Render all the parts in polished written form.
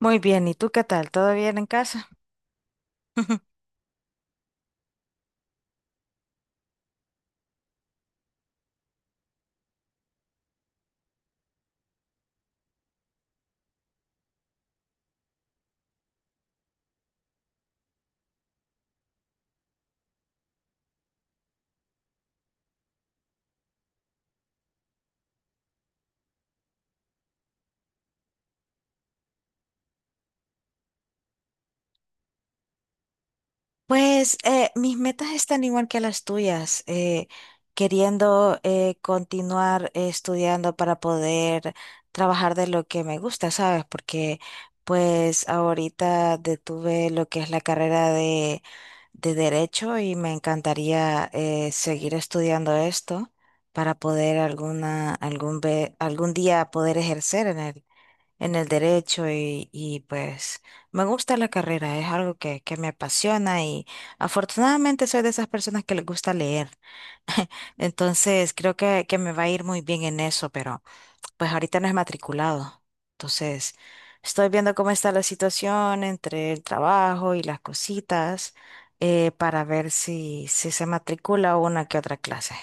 Muy bien, ¿y tú qué tal? ¿Todo bien en casa? Pues mis metas están igual que las tuyas, queriendo continuar estudiando para poder trabajar de lo que me gusta, ¿sabes? Porque pues ahorita detuve lo que es la carrera de derecho y me encantaría seguir estudiando esto para poder algún día poder ejercer en el derecho y pues me gusta la carrera, es algo que me apasiona y afortunadamente soy de esas personas que les gusta leer, entonces creo que me va a ir muy bien en eso, pero pues ahorita no es matriculado, entonces estoy viendo cómo está la situación entre el trabajo y las cositas para ver si se matricula una que otra clase.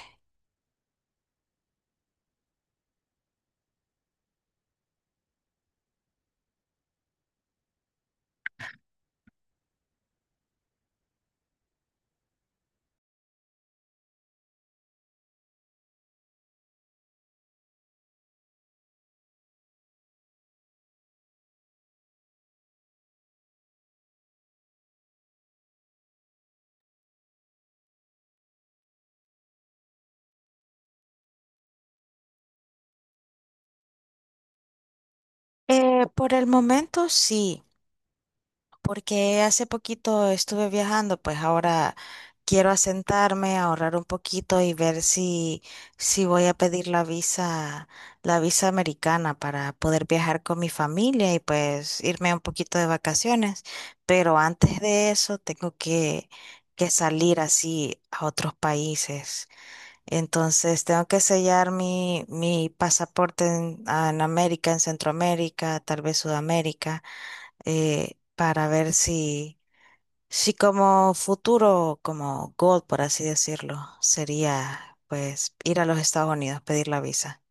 Por el momento sí. Porque hace poquito estuve viajando, pues ahora quiero asentarme, ahorrar un poquito y ver si voy a pedir la visa americana para poder viajar con mi familia y pues irme un poquito de vacaciones. Pero antes de eso tengo que salir así a otros países. Entonces tengo que sellar mi pasaporte en América, en Centroamérica, tal vez Sudamérica para ver si, si como futuro, como goal, por así decirlo, sería pues ir a los Estados Unidos, pedir la visa.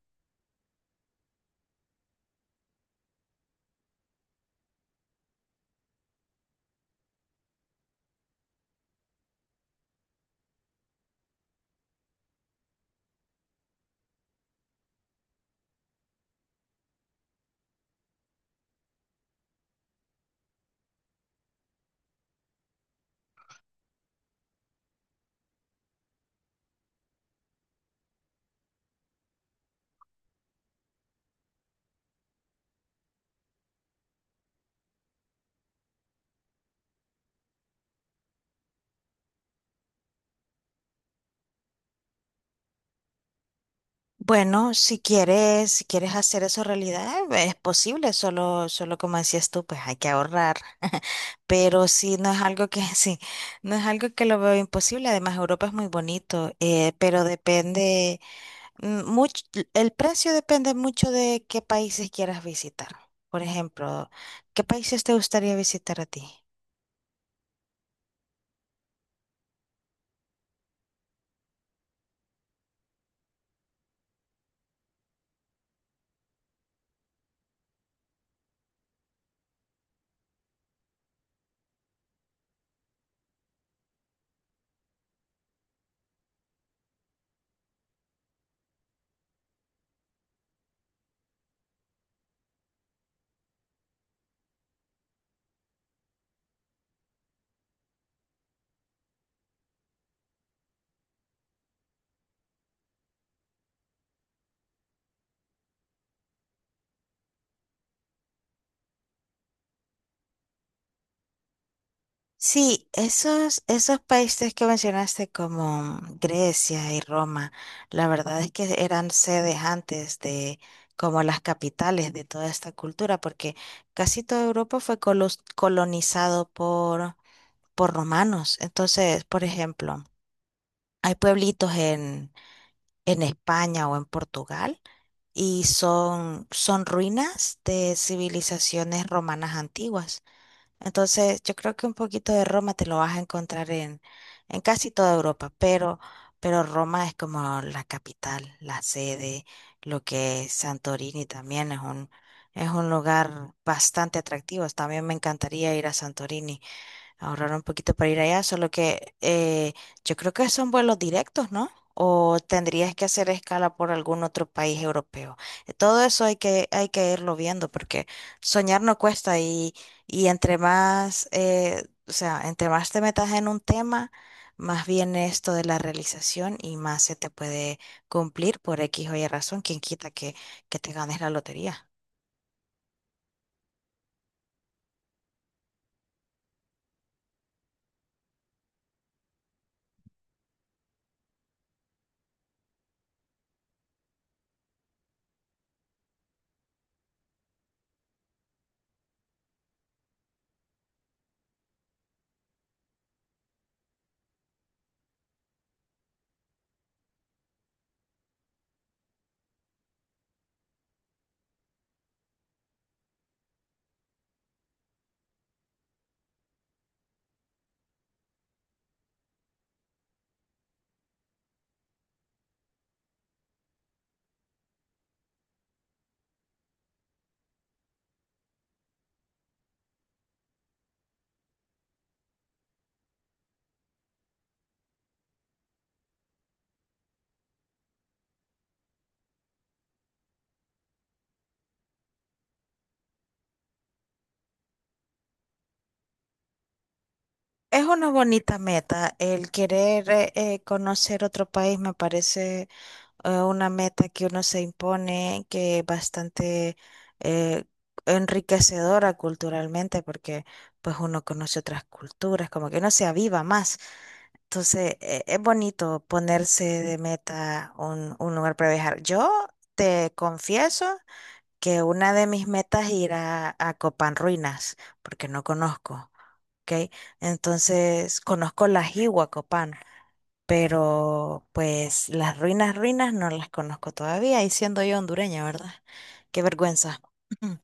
Bueno, si quieres, si quieres hacer eso realidad, es posible, solo, solo como decías tú, pues hay que ahorrar. Pero sí, no es algo que, sí, no es algo que lo veo imposible. Además, Europa es muy bonito, pero depende. Mm, much- el precio depende mucho de qué países quieras visitar. Por ejemplo, ¿qué países te gustaría visitar a ti? Sí, esos, esos países que mencionaste como Grecia y Roma, la verdad es que eran sedes antes de como las capitales de toda esta cultura, porque casi toda Europa fue colonizado por romanos. Entonces, por ejemplo, hay pueblitos en España o en Portugal y son, son ruinas de civilizaciones romanas antiguas. Entonces, yo creo que un poquito de Roma te lo vas a encontrar en casi toda Europa, pero Roma es como la capital, la sede, lo que es Santorini también es un lugar bastante atractivo. También me encantaría ir a Santorini, ahorrar un poquito para ir allá, solo que yo creo que son vuelos directos, ¿no? O tendrías que hacer escala por algún otro país europeo. Todo eso hay que irlo viendo porque soñar no cuesta y entre más, o sea, entre más te metas en un tema, más viene esto de la realización y más se te puede cumplir por X o Y razón, quien quita que te ganes la lotería. Es una bonita meta. El querer conocer otro país me parece una meta que uno se impone que es bastante eh, enriquecedora culturalmente porque pues uno conoce otras culturas, como que uno se aviva más. Entonces es bonito ponerse de meta un lugar para viajar. Yo te confieso que una de mis metas es ir a Copán Ruinas porque no conozco. ¿Ok? Entonces, conozco la Jiwa Copán, pero pues las ruinas, ruinas no las conozco todavía, y siendo yo hondureña, ¿verdad? Qué vergüenza.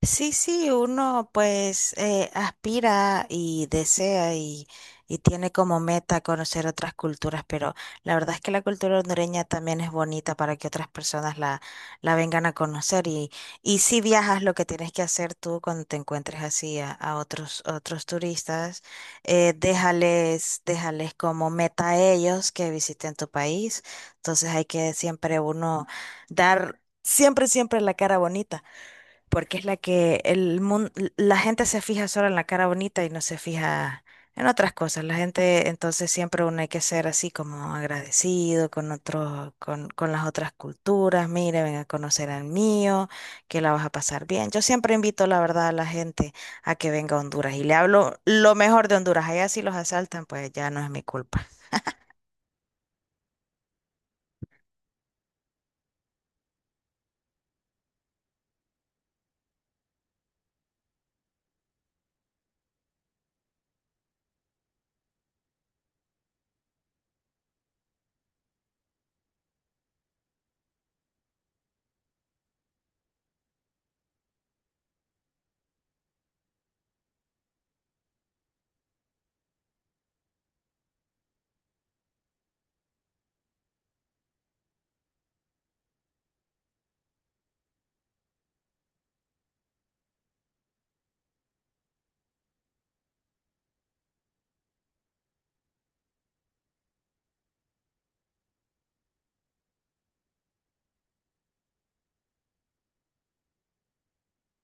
Sí, sí, uno pues aspira y desea y tiene como meta conocer otras culturas, pero la verdad es que la cultura hondureña también es bonita para que otras personas la vengan a conocer y si viajas lo que tienes que hacer tú cuando te encuentres así a otros, otros turistas, déjales, déjales como meta a ellos que visiten tu país, entonces hay que siempre uno dar siempre, siempre la cara bonita porque es la que el mundo, la gente se fija solo en la cara bonita y no se fija en otras cosas. La gente, entonces siempre uno hay que ser así como agradecido con otros, con las otras culturas. Mire, ven a conocer al mío, que la vas a pasar bien. Yo siempre invito, la verdad, a la gente a que venga a Honduras y le hablo lo mejor de Honduras. Allá si los asaltan, pues ya no es mi culpa.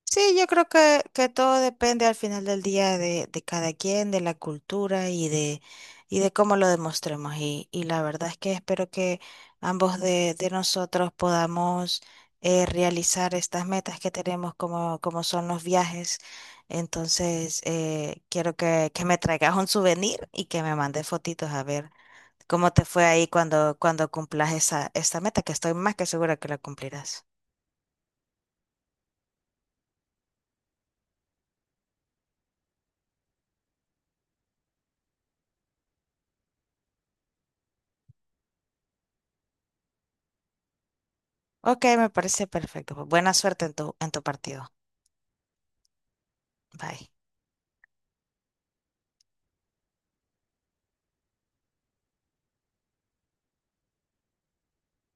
Sí, yo creo que todo depende al final del día de cada quien, de la cultura y de cómo lo demostremos. Y la verdad es que espero que ambos de nosotros podamos realizar estas metas que tenemos como, como son los viajes. Entonces, quiero que me traigas un souvenir y que me mandes fotitos a ver cómo te fue ahí cuando, cuando cumplas esa, esta meta, que estoy más que segura que la cumplirás. Ok, me parece perfecto. Buena suerte en tu partido. Bye.